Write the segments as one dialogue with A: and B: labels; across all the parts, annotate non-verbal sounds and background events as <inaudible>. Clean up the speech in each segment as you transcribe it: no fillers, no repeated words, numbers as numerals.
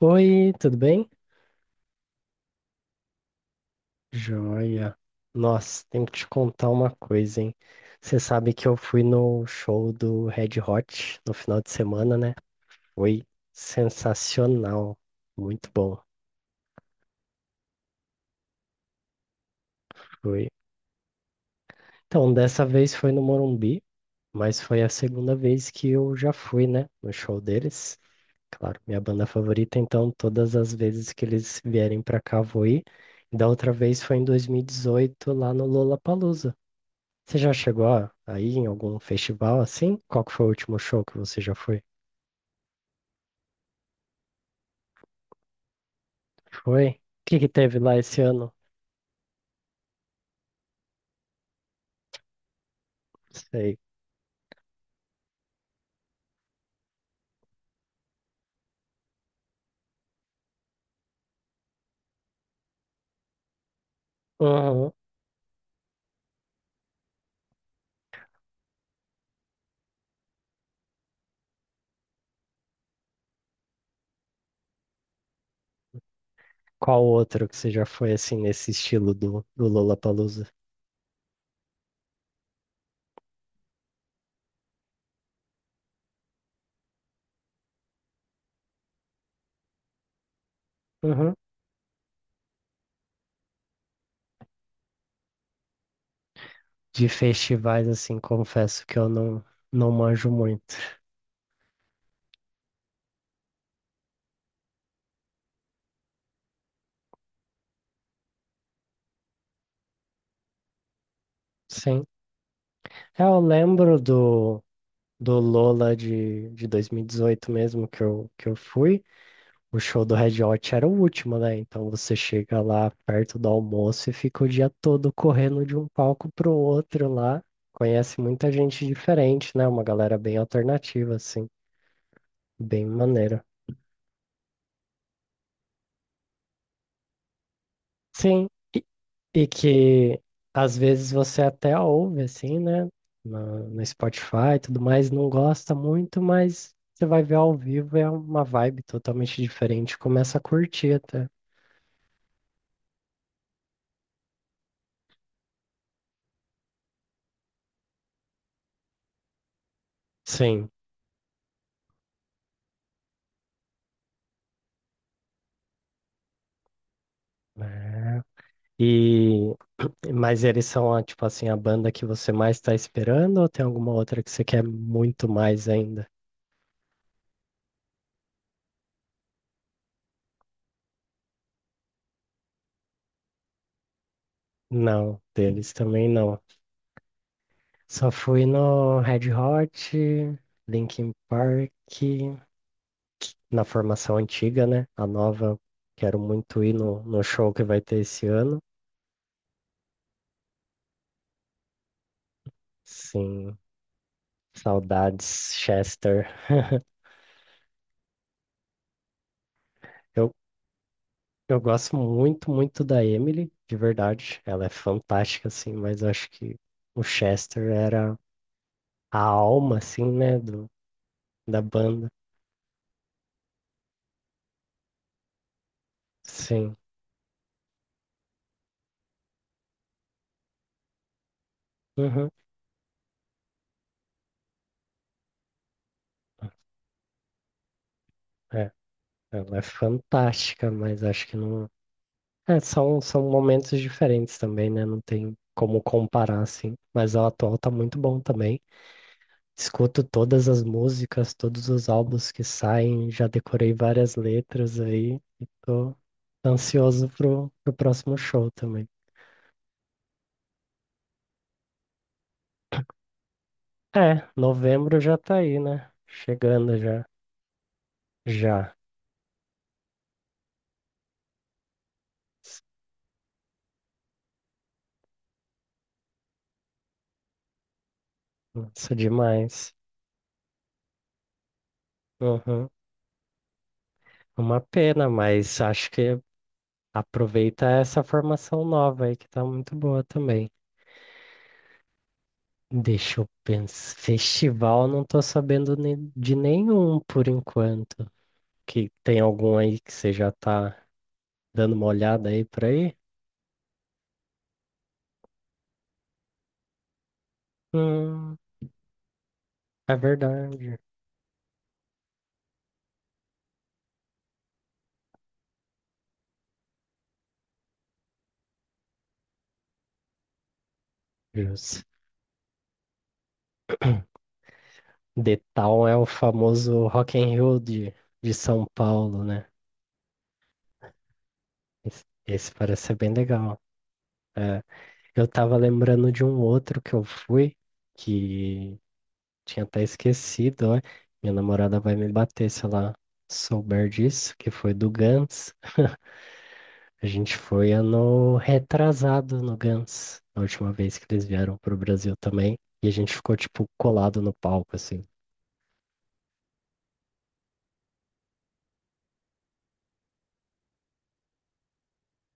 A: Oi, tudo bem? Joia. Nossa, tenho que te contar uma coisa, hein? Você sabe que eu fui no show do Red Hot no final de semana, né? Foi sensacional. Muito bom. Foi. Então, dessa vez foi no Morumbi, mas foi a segunda vez que eu já fui, né? No show deles. Claro, minha banda favorita, então todas as vezes que eles vierem pra cá, vou ir. Da outra vez foi em 2018 lá no Lollapalooza. Você já chegou a ir em algum festival assim? Qual que foi o último show que você já foi? Foi? O que que teve lá esse ano? Sei. Uhum. Qual outro que você já foi assim nesse estilo do Lollapalooza? Uhum. De festivais assim, confesso que eu não manjo muito. Sim. É, eu lembro do Lola de 2018 mesmo que eu fui. O show do Red Hot era o último, né? Então você chega lá perto do almoço e fica o dia todo correndo de um palco pro outro lá. Conhece muita gente diferente, né? Uma galera bem alternativa, assim, bem maneira. Sim, e, e que às vezes você até ouve, assim, né? No Spotify e tudo mais, não gosta muito, mas você vai ver ao vivo, é uma vibe totalmente diferente, começa a curtir até. Sim. É. E <clears throat> mas eles são a, tipo assim, a banda que você mais está esperando ou tem alguma outra que você quer muito mais ainda? Não, deles também não. Só fui no Red Hot, Linkin Park, na formação antiga, né? A nova, quero muito ir no show que vai ter esse ano. Sim, saudades, Chester. <laughs> Eu, Eu gosto muito, muito da Emily, de verdade. Ela é fantástica, assim, mas eu acho que o Chester era a alma, assim, né, da banda. Sim. Uhum. É, ela é fantástica, mas acho que não. É, são momentos diferentes também, né? Não tem como comparar, assim. Mas o atual tá muito bom também. Escuto todas as músicas, todos os álbuns que saem, já decorei várias letras aí e tô ansioso pro próximo show também. É, novembro já tá aí, né? Chegando já. Já. Nossa, demais. Uhum. Uma pena, mas acho que aproveita essa formação nova aí que tá muito boa também. Deixa eu pensar. Festival, não tô sabendo de nenhum por enquanto. Que tem algum aí que você já tá dando uma olhada aí por aí. Hum, é verdade. Jus. The Town é o famoso Rock in Rio de São Paulo, né? Esse parece ser bem legal. É, eu tava lembrando de um outro que eu fui, que tinha até esquecido, ó. Minha namorada vai me bater se ela souber disso, que foi do Guns. A gente foi ano retrasado no Guns, a última vez que eles vieram pro Brasil também. E a gente ficou, tipo, colado no palco, assim.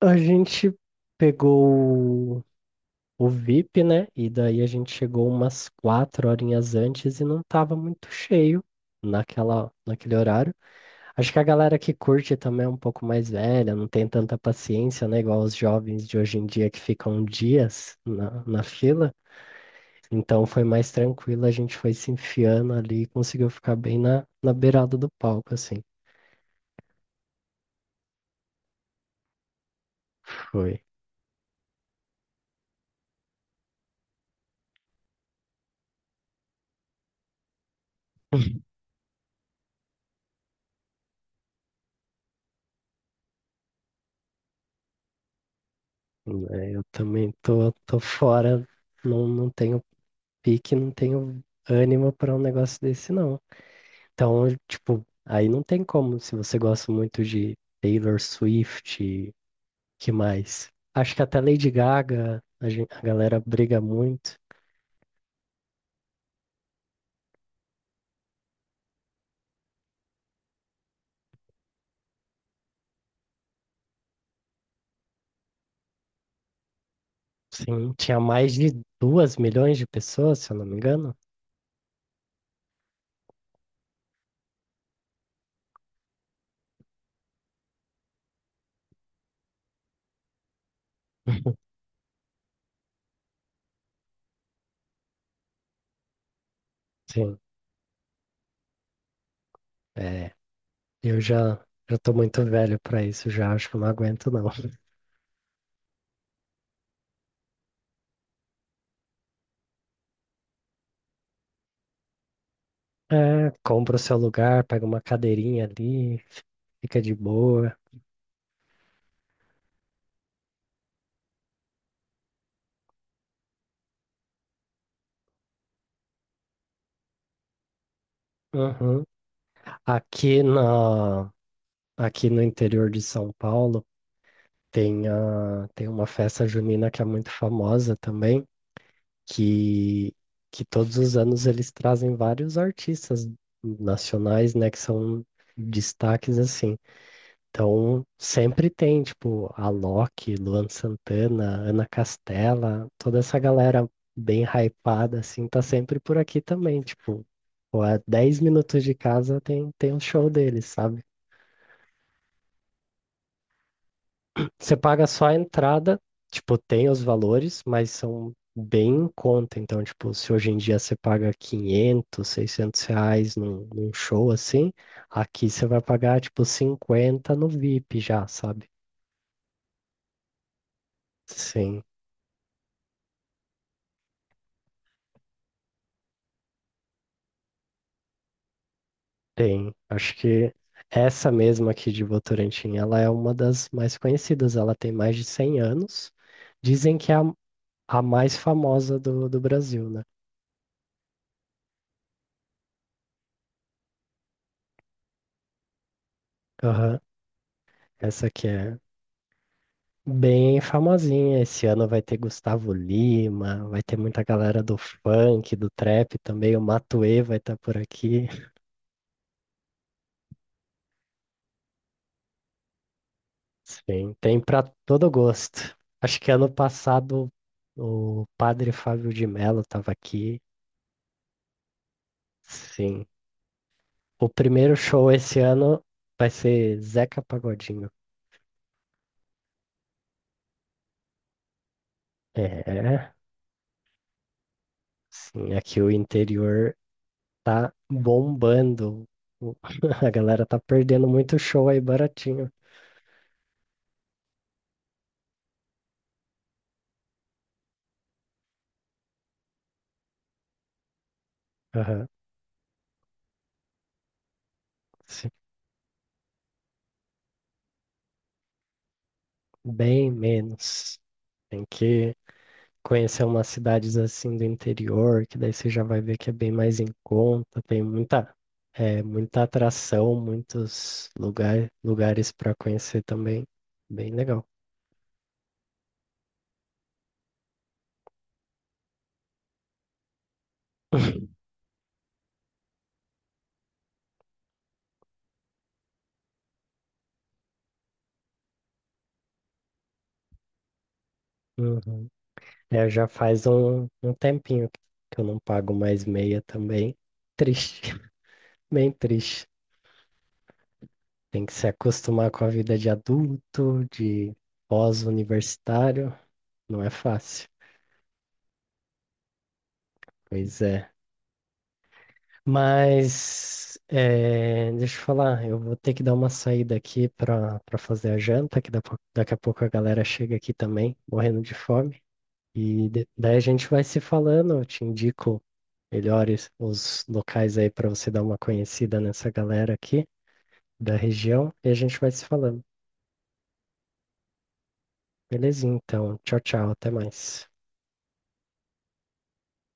A: A gente pegou o VIP, né? E daí a gente chegou umas 4 horinhas antes e não tava muito cheio naquele horário. Acho que a galera que curte também é um pouco mais velha, não tem tanta paciência, né? Igual os jovens de hoje em dia que ficam dias na fila. Então foi mais tranquilo, a gente foi se enfiando ali e conseguiu ficar bem na beirada do palco, assim. Foi. Né, eu também tô fora, não tenho pique, não tenho ânimo para um negócio desse, não. Então, tipo, aí não tem como, se você gosta muito de Taylor Swift, que mais? Acho que até Lady Gaga, a galera briga muito. Sim, tinha mais de 2 milhões de pessoas, se eu não me engano. <laughs> Sim. É. Eu já tô muito velho pra isso, já acho que eu não aguento não. <laughs> É, compra o seu lugar, pega uma cadeirinha ali, fica de boa. Uhum. Aqui na, aqui no interior de São Paulo tem uma festa junina que é muito famosa também, que, que todos os anos eles trazem vários artistas nacionais, né, que são destaques assim. Então, sempre tem, tipo, a Loki, Luan Santana, Ana Castela, toda essa galera bem hypada, assim, tá sempre por aqui também, tipo, pô, a 10 minutos de casa tem um show deles, sabe? Você paga só a entrada, tipo, tem os valores, mas são bem em conta, então, tipo, se hoje em dia você paga 500, 600 reais num show, assim, aqui você vai pagar, tipo, 50 no VIP já, sabe? Sim. Tem, acho que essa mesma aqui de Votorantim, ela é uma das mais conhecidas, ela tem mais de 100 anos. Dizem que é a mais famosa do Brasil, né? Aham. Essa aqui é bem famosinha. Esse ano vai ter Gustavo Lima, vai ter muita galera do funk, do trap também, o Matuê vai estar por aqui. Sim, tem pra todo gosto. Acho que ano passado o padre Fábio de Mello estava aqui. Sim. O primeiro show esse ano vai ser Zeca Pagodinho. É, sim, aqui o interior tá bombando. O- <laughs> A galera tá perdendo muito show aí baratinho. Aham, sim, bem menos. Tem que conhecer umas cidades assim do interior, que daí você já vai ver que é bem mais em conta, tem muita atração, lugares para conhecer também. Bem legal. Uhum. É, já faz um tempinho que eu não pago mais meia também. Triste, <laughs> bem triste. Tem que se acostumar com a vida de adulto, de pós-universitário. Não é fácil. Pois é. Mas, é, deixa eu falar, eu vou ter que dar uma saída aqui para fazer a janta, que daqui a pouco a galera chega aqui também, morrendo de fome. E daí a gente vai se falando, eu te indico melhores os locais aí para você dar uma conhecida nessa galera aqui da região e a gente vai se falando. Belezinha, então. Tchau, tchau, até mais.